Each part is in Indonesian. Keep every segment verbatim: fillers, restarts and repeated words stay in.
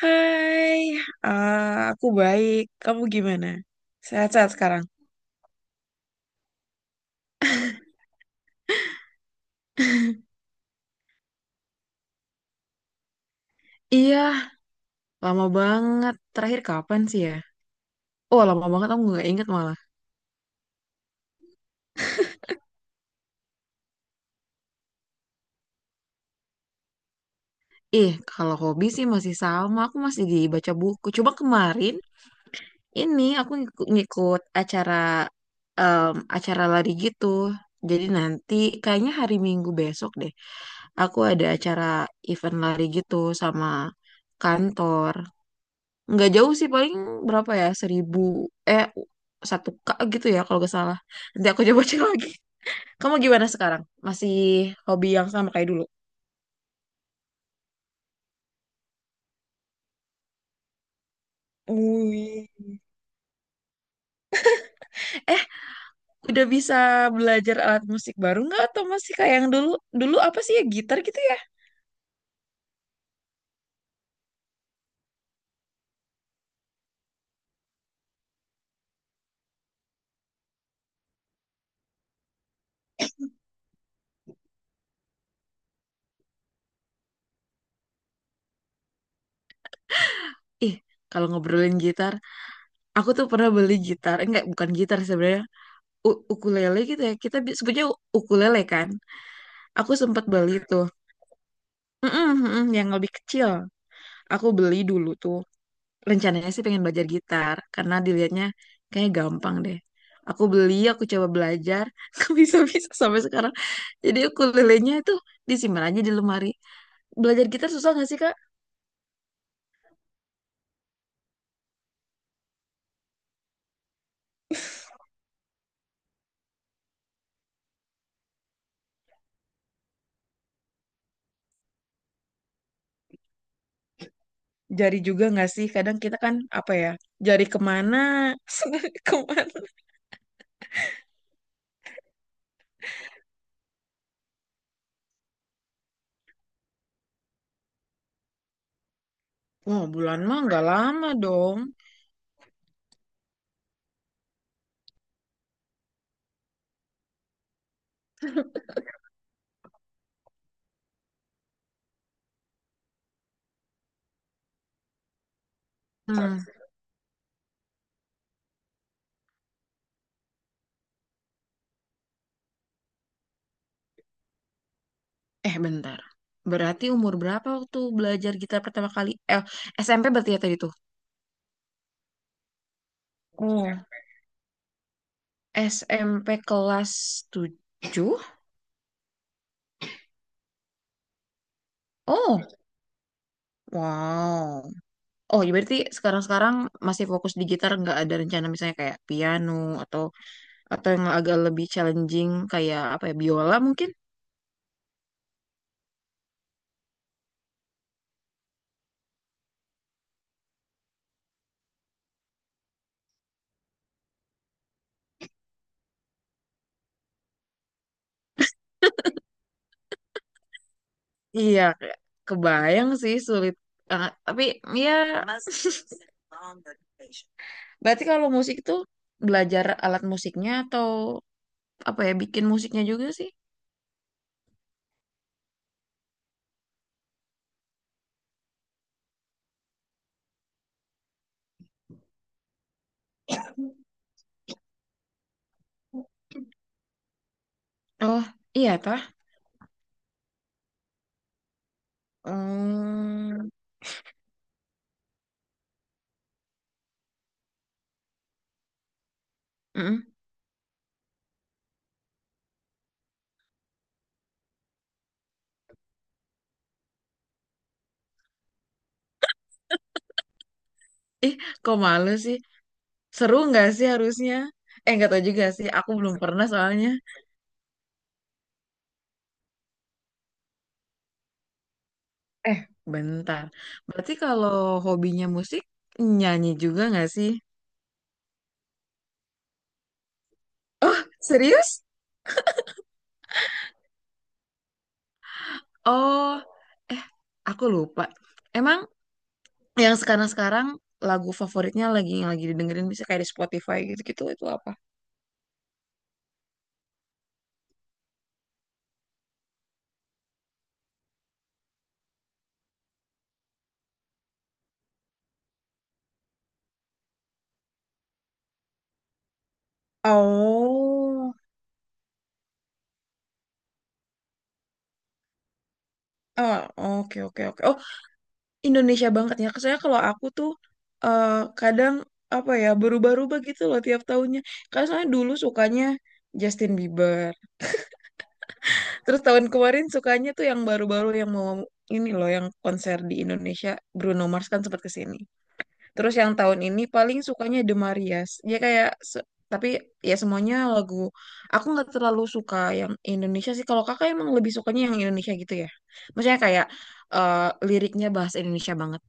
Hai, eh, aku baik. Kamu gimana? Sehat-sehat sekarang? Iya, lama banget. Terakhir kapan sih ya? Oh, lama banget aku nggak inget malah. Ih, kalau hobi sih masih sama. Aku masih di baca buku. Coba kemarin ini aku ngikut, ngikut acara em, acara lari gitu. Jadi nanti kayaknya hari Minggu besok deh. Aku ada acara event lari gitu sama kantor. Nggak jauh sih, paling berapa ya, seribu eh satu k gitu ya kalau nggak salah, nanti aku coba cek lagi. Kamu gimana sekarang, masih hobi yang sama kayak dulu? Wih. Eh, udah bisa belajar alat musik baru nggak, atau masih kayak yang dulu? Dulu apa sih ya, gitar gitu ya? Ih, kalau ngobrolin gitar, aku tuh pernah beli gitar. Eh, enggak, bukan gitar sebenarnya. U- ukulele gitu ya. Kita bi- sebutnya u- ukulele kan. Aku sempat beli tuh. Mm-mm, mm-mm, yang lebih kecil. Aku beli dulu tuh. Rencananya sih pengen belajar gitar karena dilihatnya kayak gampang deh. Aku beli, aku coba belajar, aku bisa-bisa sampai sekarang. Jadi ukulelenya itu disimpan aja di lemari. Belajar gitar susah nggak sih, Kak? Jari juga nggak sih? Kadang kita kan apa ya? Jari kemana? Senari kemana? Wah, bulan mah nggak lama dong. Hmm. Eh, bentar. Berarti umur berapa waktu belajar gitar pertama kali? Eh, S M P berarti ya tadi tuh. Iya. S M P kelas tujuh. Oh. Wow. Oh, ya berarti sekarang-sekarang masih fokus di gitar, nggak ada rencana misalnya kayak piano atau atau yang agak lebih challenging kayak apa ya, biola mungkin? Iya, kayak kebayang sih sulit. Ah, tapi ya, berarti kalau musik itu belajar alat musiknya atau apa ya, bikin musiknya juga sih? Oh, iya tah? Hmm. Mm-mm. Ih, kok malu sih? Seru nggak sih harusnya? Eh, nggak tahu juga sih. Aku belum pernah soalnya. Eh, bentar. Berarti kalau hobinya musik, nyanyi juga nggak sih? Oh, serius? Oh, eh, aku lupa. Emang yang sekarang-sekarang lagu favoritnya, lagi yang lagi didengerin bisa kayak di Spotify gitu-gitu itu apa? Oh, oh, oke oke oke. Oh, Indonesia banget ya. Saya, kalau aku tuh eh, kadang apa ya, berubah-ubah gitu loh tiap tahunnya. Karena soalnya dulu sukanya Justin Bieber. Terus tahun kemarin sukanya tuh yang baru-baru, yang mau ini loh, yang konser di Indonesia, Bruno Mars kan sempat kesini. Terus yang tahun ini paling sukanya The Marias. Dia kayak se- tapi ya semuanya lagu. Aku nggak terlalu suka yang Indonesia sih. Kalau kakak emang lebih sukanya yang Indonesia gitu ya. Maksudnya kayak, eh, liriknya bahasa Indonesia banget.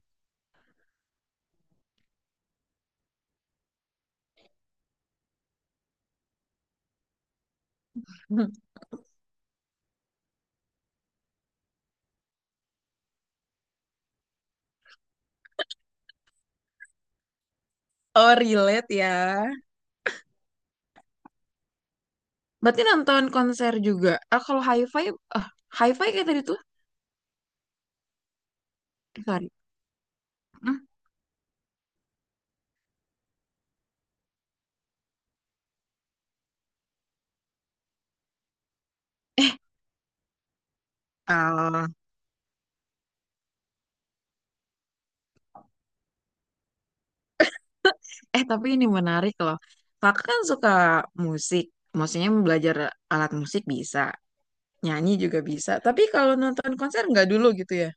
Oh, relate ya. Berarti nonton konser juga. Ah, kalau hi-fi, ah, hi-fi kayak tadi tuh. Eh, sorry. Hmm. Eh, ah, eh tapi ini menarik loh. Kakak kan suka musik. Maksudnya belajar alat musik bisa. Nyanyi juga bisa. Tapi kalau nonton konser nggak dulu gitu ya.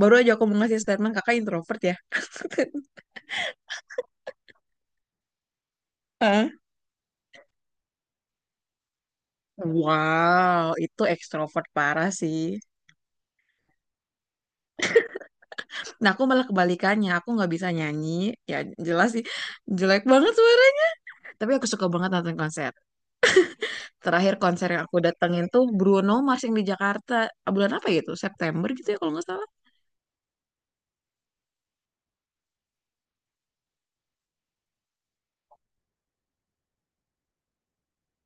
Baru aja aku mau ngasih statement kakak introvert ya. Hah? Wow, itu ekstrovert parah sih. Nah, aku malah kebalikannya. Aku nggak bisa nyanyi. Ya, jelas sih. Jelek banget suara. Tapi aku suka banget nonton konser. Terakhir konser yang aku datengin tuh Bruno Mars yang di Jakarta. Ah, bulan apa gitu? September gitu ya kalau nggak salah.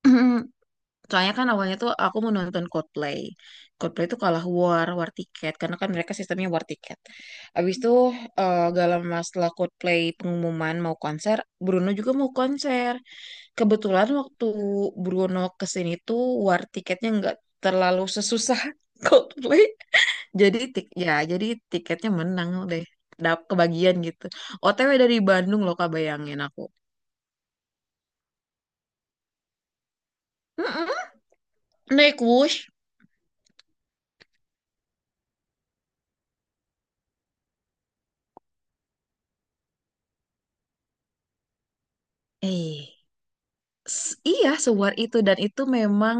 Soalnya kan awalnya tuh aku mau nonton Coldplay. Coldplay tuh kalah war, war tiket. Karena kan mereka sistemnya war tiket. Abis itu eh, gak lama setelah Coldplay pengumuman mau konser, Bruno juga mau konser. Kebetulan waktu Bruno kesini tuh war tiketnya nggak terlalu sesusah Coldplay. Jadi tik ya, jadi tiketnya menang deh. Dap kebagian gitu. O T W dari Bandung loh Kak, bayangin aku. Mm-mm. Naik Whoosh. Eh, s- iya sewar itu, dan itu memang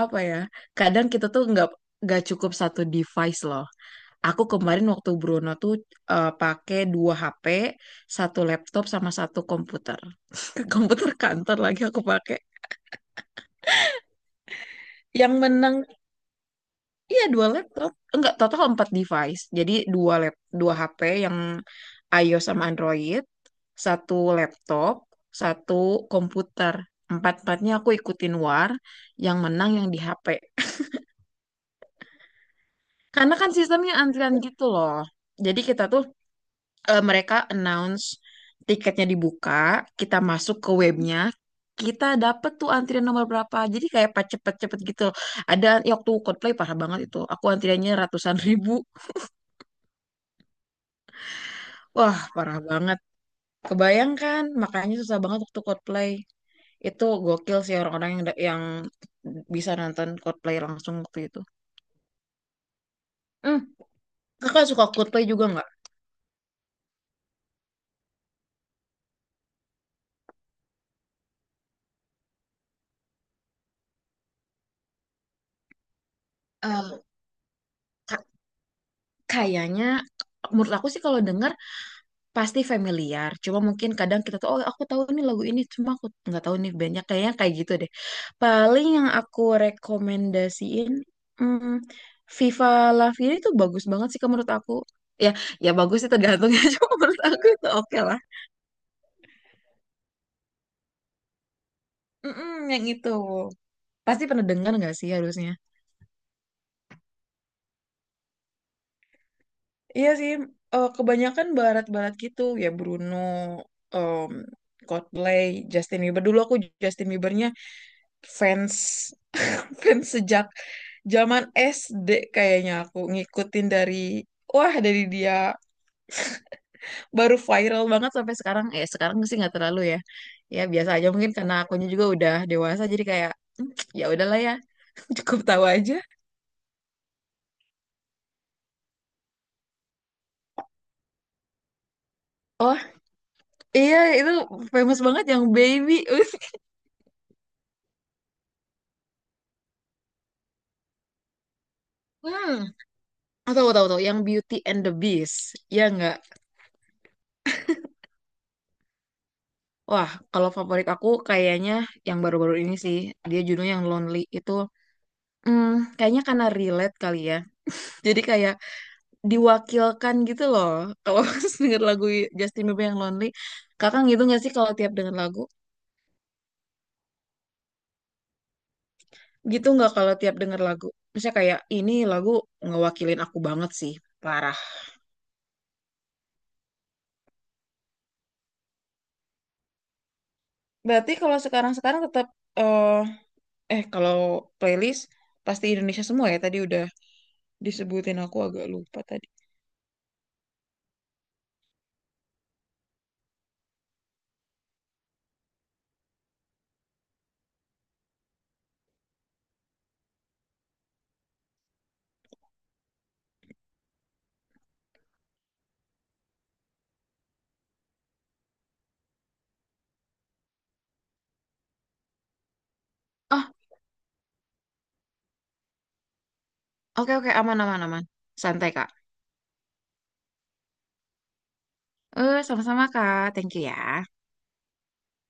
apa ya? Kadang kita tuh nggak nggak cukup satu device loh. Aku kemarin waktu Bruno tuh, eh, pakai dua HP, satu laptop sama satu komputer. Komputer kantor lagi aku pakai. Yang menang iya dua laptop, enggak, total empat device. Jadi dua lap, dua HP, yang iOS sama Android, satu laptop, satu komputer. Empat empatnya aku ikutin war, yang menang yang di H P. Karena kan sistemnya antrian gitu loh. Jadi kita tuh, eh, mereka announce tiketnya dibuka, kita masuk ke webnya, kita dapet tuh antrian nomor berapa. Jadi kayak pas cepet-cepet gitu. Ada ya, waktu Coldplay parah banget itu. Aku antriannya ratusan ribu. Wah, parah banget. Kebayang kan? Makanya susah banget waktu Coldplay. Itu gokil sih orang-orang yang da- yang bisa nonton Coldplay langsung waktu itu. Hmm, kakak suka Coldplay juga nggak? Eh, ka- kayaknya menurut aku sih kalau denger pasti familiar, cuma mungkin kadang kita tuh, oh aku tahu nih lagu ini, cuma aku nggak tahu nih banyak, kayaknya kayak gitu deh. Paling yang aku rekomendasiin, hmm, Viva La Vida itu bagus banget sih Kak, menurut aku. Ya, ya bagus sih tergantung ya, cuma menurut aku itu oke lah. Mm-mm, yang itu. Pasti pernah dengar nggak sih harusnya? Iya sih, eh, kebanyakan barat-barat gitu ya, Bruno, em, Coldplay, Justin Bieber. Dulu aku Justin Biebernya fans fans sejak zaman S D kayaknya, aku ngikutin dari, wah dari dia baru viral banget sampai sekarang. Eh, sekarang sih nggak terlalu ya, ya biasa aja, mungkin karena akunya juga udah dewasa, jadi kayak, "Hmm, ya udahlah ya." Cukup tahu aja. Oh iya itu famous banget yang Baby. Hmm, tahu tahu tahu, yang Beauty and the Beast ya nggak? Wah, kalau favorit aku kayaknya yang baru-baru ini sih, dia judulnya yang Lonely itu. Hmm, kayaknya karena relate kali ya, jadi kayak diwakilkan gitu loh. Kalau denger lagu Justin Bieber yang Lonely, kakak gitu nggak sih kalau tiap denger lagu? Gitu nggak kalau tiap denger lagu? Misalnya kayak, ini lagu ngewakilin aku banget sih, parah. Berarti kalau sekarang-sekarang tetap, eh eh kalau playlist pasti Indonesia semua ya. Tadi udah disebutin, aku agak lupa tadi. Oh, oke oke, aman aman aman. Santai Kak. Eh, sama-sama Kak. Thank you ya.